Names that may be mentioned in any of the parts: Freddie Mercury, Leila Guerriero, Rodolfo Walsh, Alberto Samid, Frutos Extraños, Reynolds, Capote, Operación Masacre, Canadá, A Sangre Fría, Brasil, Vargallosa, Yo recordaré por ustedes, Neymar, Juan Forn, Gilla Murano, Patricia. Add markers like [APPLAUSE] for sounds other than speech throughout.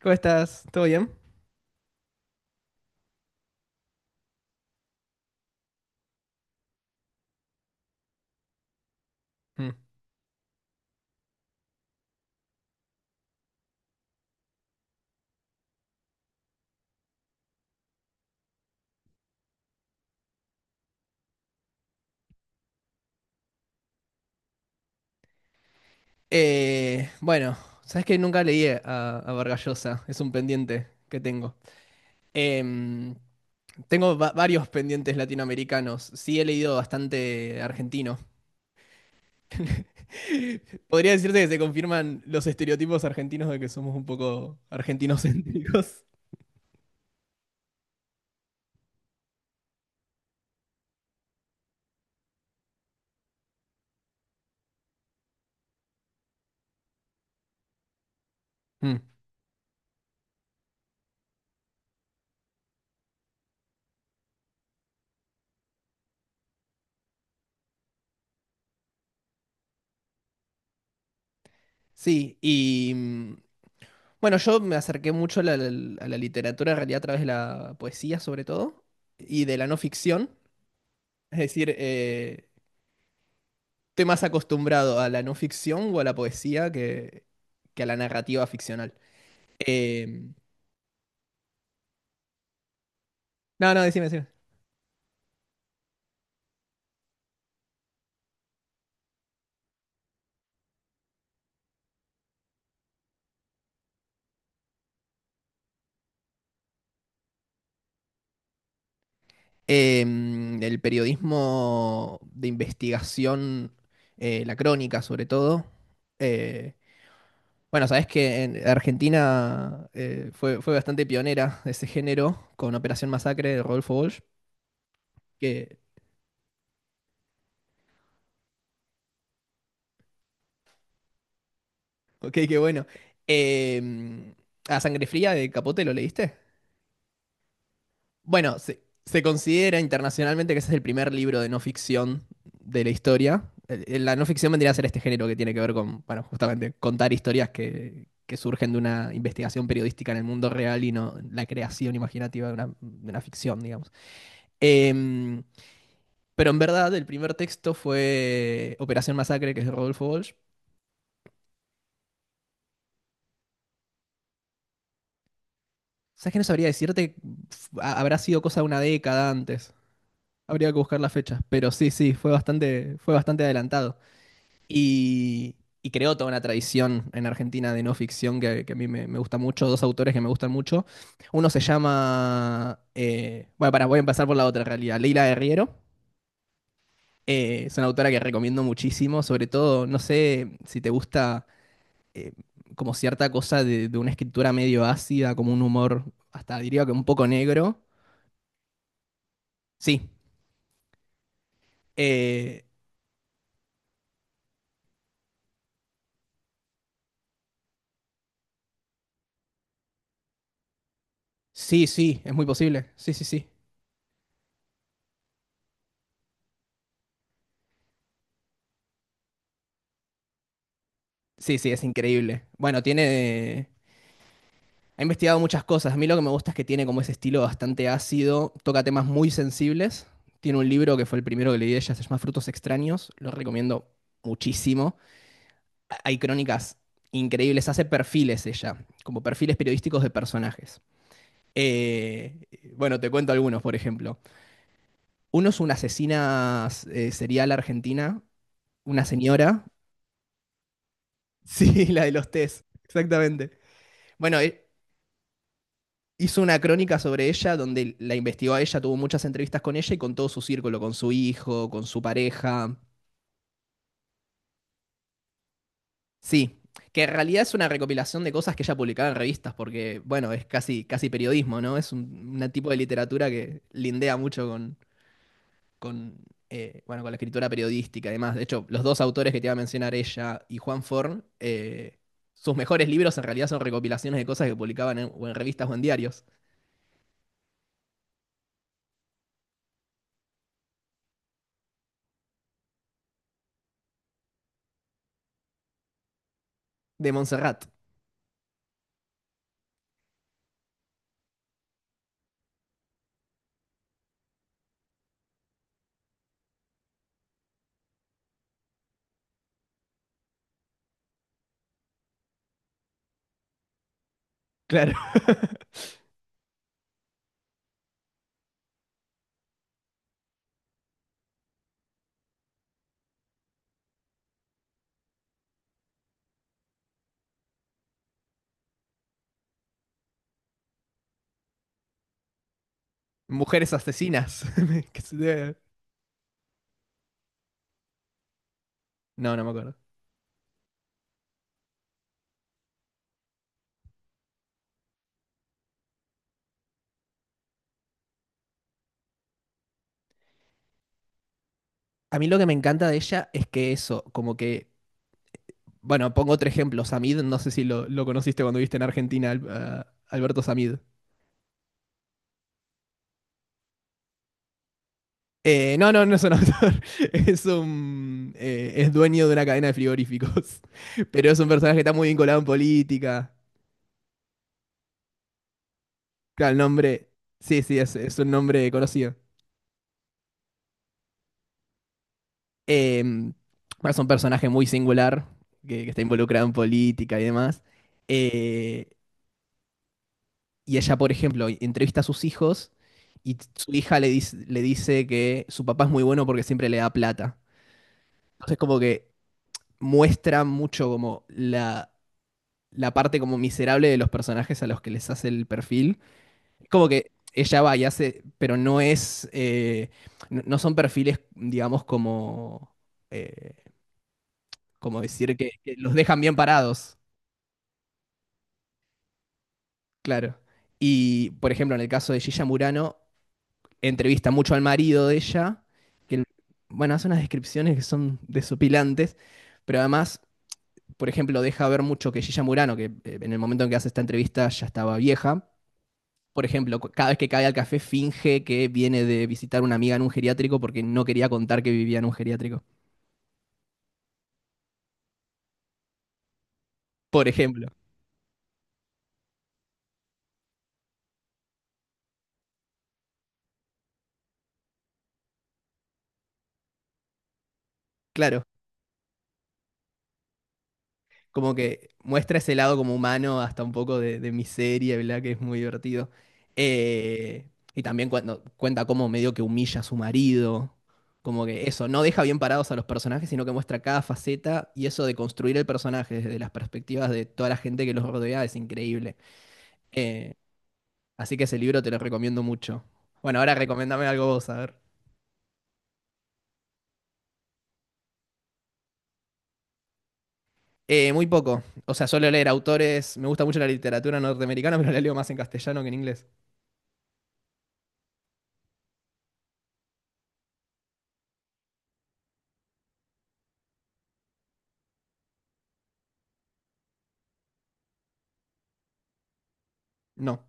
¿Cómo estás? ¿Todo bien? Mm. Eh, bueno, sabes que nunca leí a Vargallosa, es un pendiente que tengo. Em, tengo varios pendientes latinoamericanos, sí he leído bastante argentino. [LAUGHS] Podría decirte que se confirman los estereotipos argentinos de que somos un poco argentinocéntricos. Mm. Sí, bueno, yo me acerqué mucho a la literatura en realidad a través de la poesía sobre todo y de la no ficción. Es decir, estoy más acostumbrado a la no ficción o a la poesía que a la narrativa ficcional. Eh, no, no, decime, decime. Eh, el periodismo de investigación, la crónica sobre todo. Eh, bueno, sabes que en Argentina fue bastante pionera de ese género con Operación Masacre de Rodolfo Walsh. Que, ok, qué bueno. Eh, a Sangre Fría de Capote, ¿lo leíste? Bueno, se considera internacionalmente que ese es el primer libro de no ficción de la historia. La no ficción vendría a ser este género que tiene que ver con, bueno, justamente contar historias que surgen de una investigación periodística en el mundo real y no la creación imaginativa de una ficción, digamos. Em, pero en verdad, el primer texto fue Operación Masacre, que es de Rodolfo Walsh. ¿Sabes que no sabría decirte? Habrá sido cosa de una década antes. Habría que buscar la fecha. Pero sí, sí, fue bastante adelantado. Y, y creó toda una tradición en Argentina de no ficción que a mí me gusta mucho, dos autores que me gustan mucho. Uno se llama, bueno, para, voy a empezar por la otra en realidad, Leila Guerriero. Es una autora que recomiendo muchísimo, sobre todo, no sé si te gusta eh, como cierta cosa de una escritura medio ácida, como un humor, hasta diría que un poco negro. Sí, eh, sí, sí, es muy posible. Sí, sí, sí. Sí, sí, es increíble. Bueno, tiene… Ha investigado muchas cosas. A mí lo que me gusta es que tiene como ese estilo bastante ácido, toca temas muy sensibles. Tiene un libro que fue el primero que leí de ella, se llama Frutos Extraños. Lo recomiendo muchísimo. Hay crónicas increíbles, hace perfiles ella, como perfiles periodísticos de personajes. Eh, bueno, te cuento algunos, por ejemplo. Uno es una asesina serial argentina, una señora. [LAUGHS] Sí, la de los test, exactamente. Bueno, hizo una crónica sobre ella donde la investigó a ella, tuvo muchas entrevistas con ella y con todo su círculo, con su hijo, con su pareja. Sí, que en realidad es una recopilación de cosas que ella publicaba en revistas, porque, bueno, es casi, casi periodismo, ¿no? Es un una tipo de literatura que lindea mucho con, bueno, con la escritura periodística y demás. De hecho, los dos autores que te iba a mencionar, ella y Juan Forn, sus mejores libros en realidad son recopilaciones de cosas que publicaban en, o en revistas o en diarios de Montserrat. Claro. [LAUGHS] Mujeres asesinas. [LAUGHS] Que se No, no me acuerdo. A mí lo que me encanta de ella es que eso, como que. Bueno, pongo otro ejemplo. Samid, no sé si lo conociste cuando viste en Argentina Alberto Samid. No, no, no es un actor. [LAUGHS] Es un. Es dueño de una cadena de frigoríficos. [LAUGHS] Pero es un personaje que está muy vinculado en política. Claro, el nombre. Sí, sí, es un nombre conocido. Em, bueno, es un personaje muy singular que está involucrado en política y demás. Eh, Y ella, por ejemplo, entrevista a sus hijos y su hija le dice que su papá es muy bueno porque siempre le da plata. Entonces como que muestra mucho como la parte como miserable de los personajes a los que les hace el perfil. Es como que ella va y hace, pero no es, no no son perfiles, digamos, eh, como decir que los dejan bien parados, claro. Y, por ejemplo, en el caso de Gilla Murano, entrevista mucho al marido de ella, que, bueno, hace unas descripciones que son desopilantes, pero además, por ejemplo, deja ver mucho que Gilla Murano, que en el momento en que hace esta entrevista ya estaba vieja, por ejemplo, cada vez que cae al café finge que viene de visitar una amiga en un geriátrico porque no quería contar que vivía en un geriátrico. Por ejemplo, claro. Como que muestra ese lado como humano, hasta un poco de miseria, ¿verdad? Que es muy divertido. Eh, y también cuando cuenta cómo medio que humilla a su marido, como que eso, no deja bien parados a los personajes, sino que muestra cada faceta y eso de construir el personaje desde las perspectivas de toda la gente que los rodea es increíble. Eh, Así que ese libro te lo recomiendo mucho. Bueno, ahora recomiéndame algo vos, a ver. Muy poco. O sea, suelo leer autores. Me gusta mucho la literatura norteamericana, [LAUGHS] pero la leo más en castellano que en inglés. No.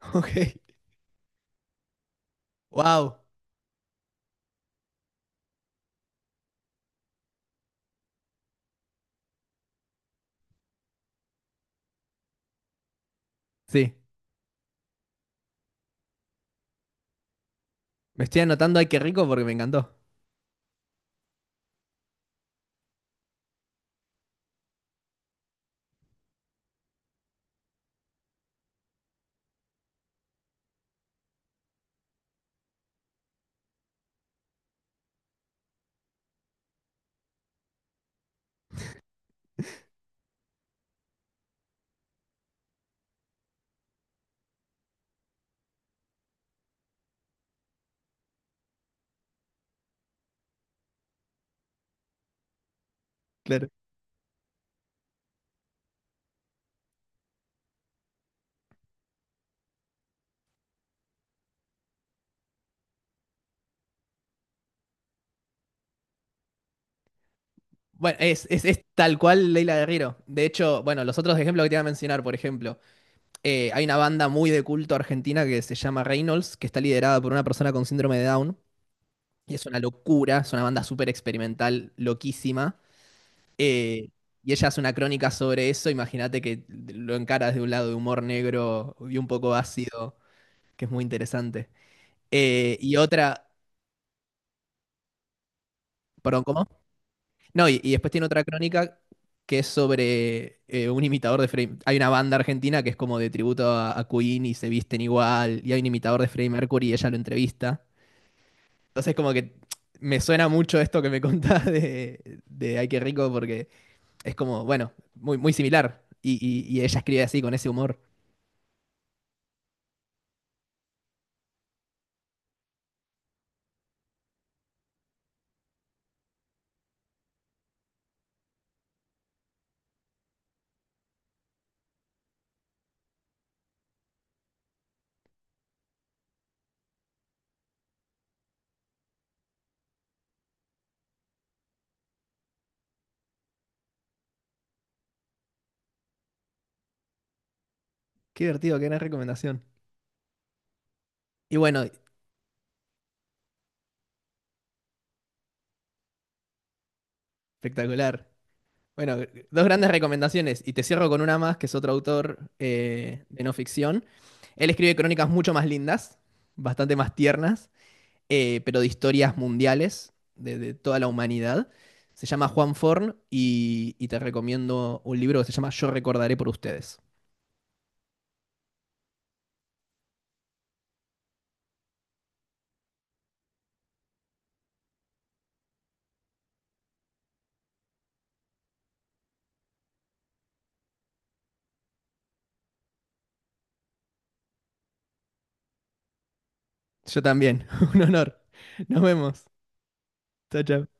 [LAUGHS] Ok. Wow. Sí. Me estoy anotando ay qué rico porque me encantó. Claro. Bueno, es tal cual Leila Guerrero. De hecho, bueno, los otros ejemplos que te iba a mencionar, por ejemplo, hay una banda muy de culto argentina que se llama Reynolds, que está liderada por una persona con síndrome de Down. Y es una locura, es una banda súper experimental, loquísima. Eh, y ella hace una crónica sobre eso. Imagínate que lo encaras de un lado de humor negro y un poco ácido, que es muy interesante. Y otra, perdón, ¿cómo? No, y después tiene otra crónica que es sobre un imitador de Freddie. Hay una banda argentina que es como de tributo a Queen y se visten igual. Y hay un imitador de Freddie Mercury y ella lo entrevista. Entonces, como que me suena mucho esto que me [LAUGHS] contás de Ay, qué rico, porque es como, bueno, muy, muy similar. Y, y ella escribe así, con ese humor. Qué divertido, qué gran recomendación. Y bueno, espectacular. Bueno, dos grandes recomendaciones. Y te cierro con una más, que es otro autor de no ficción. Él escribe crónicas mucho más lindas, bastante más tiernas, pero de historias mundiales, de toda la humanidad. Se llama Juan Forn y te recomiendo un libro que se llama Yo recordaré por ustedes. Yo también, [LAUGHS] un honor. Nos vemos. Chao, chao.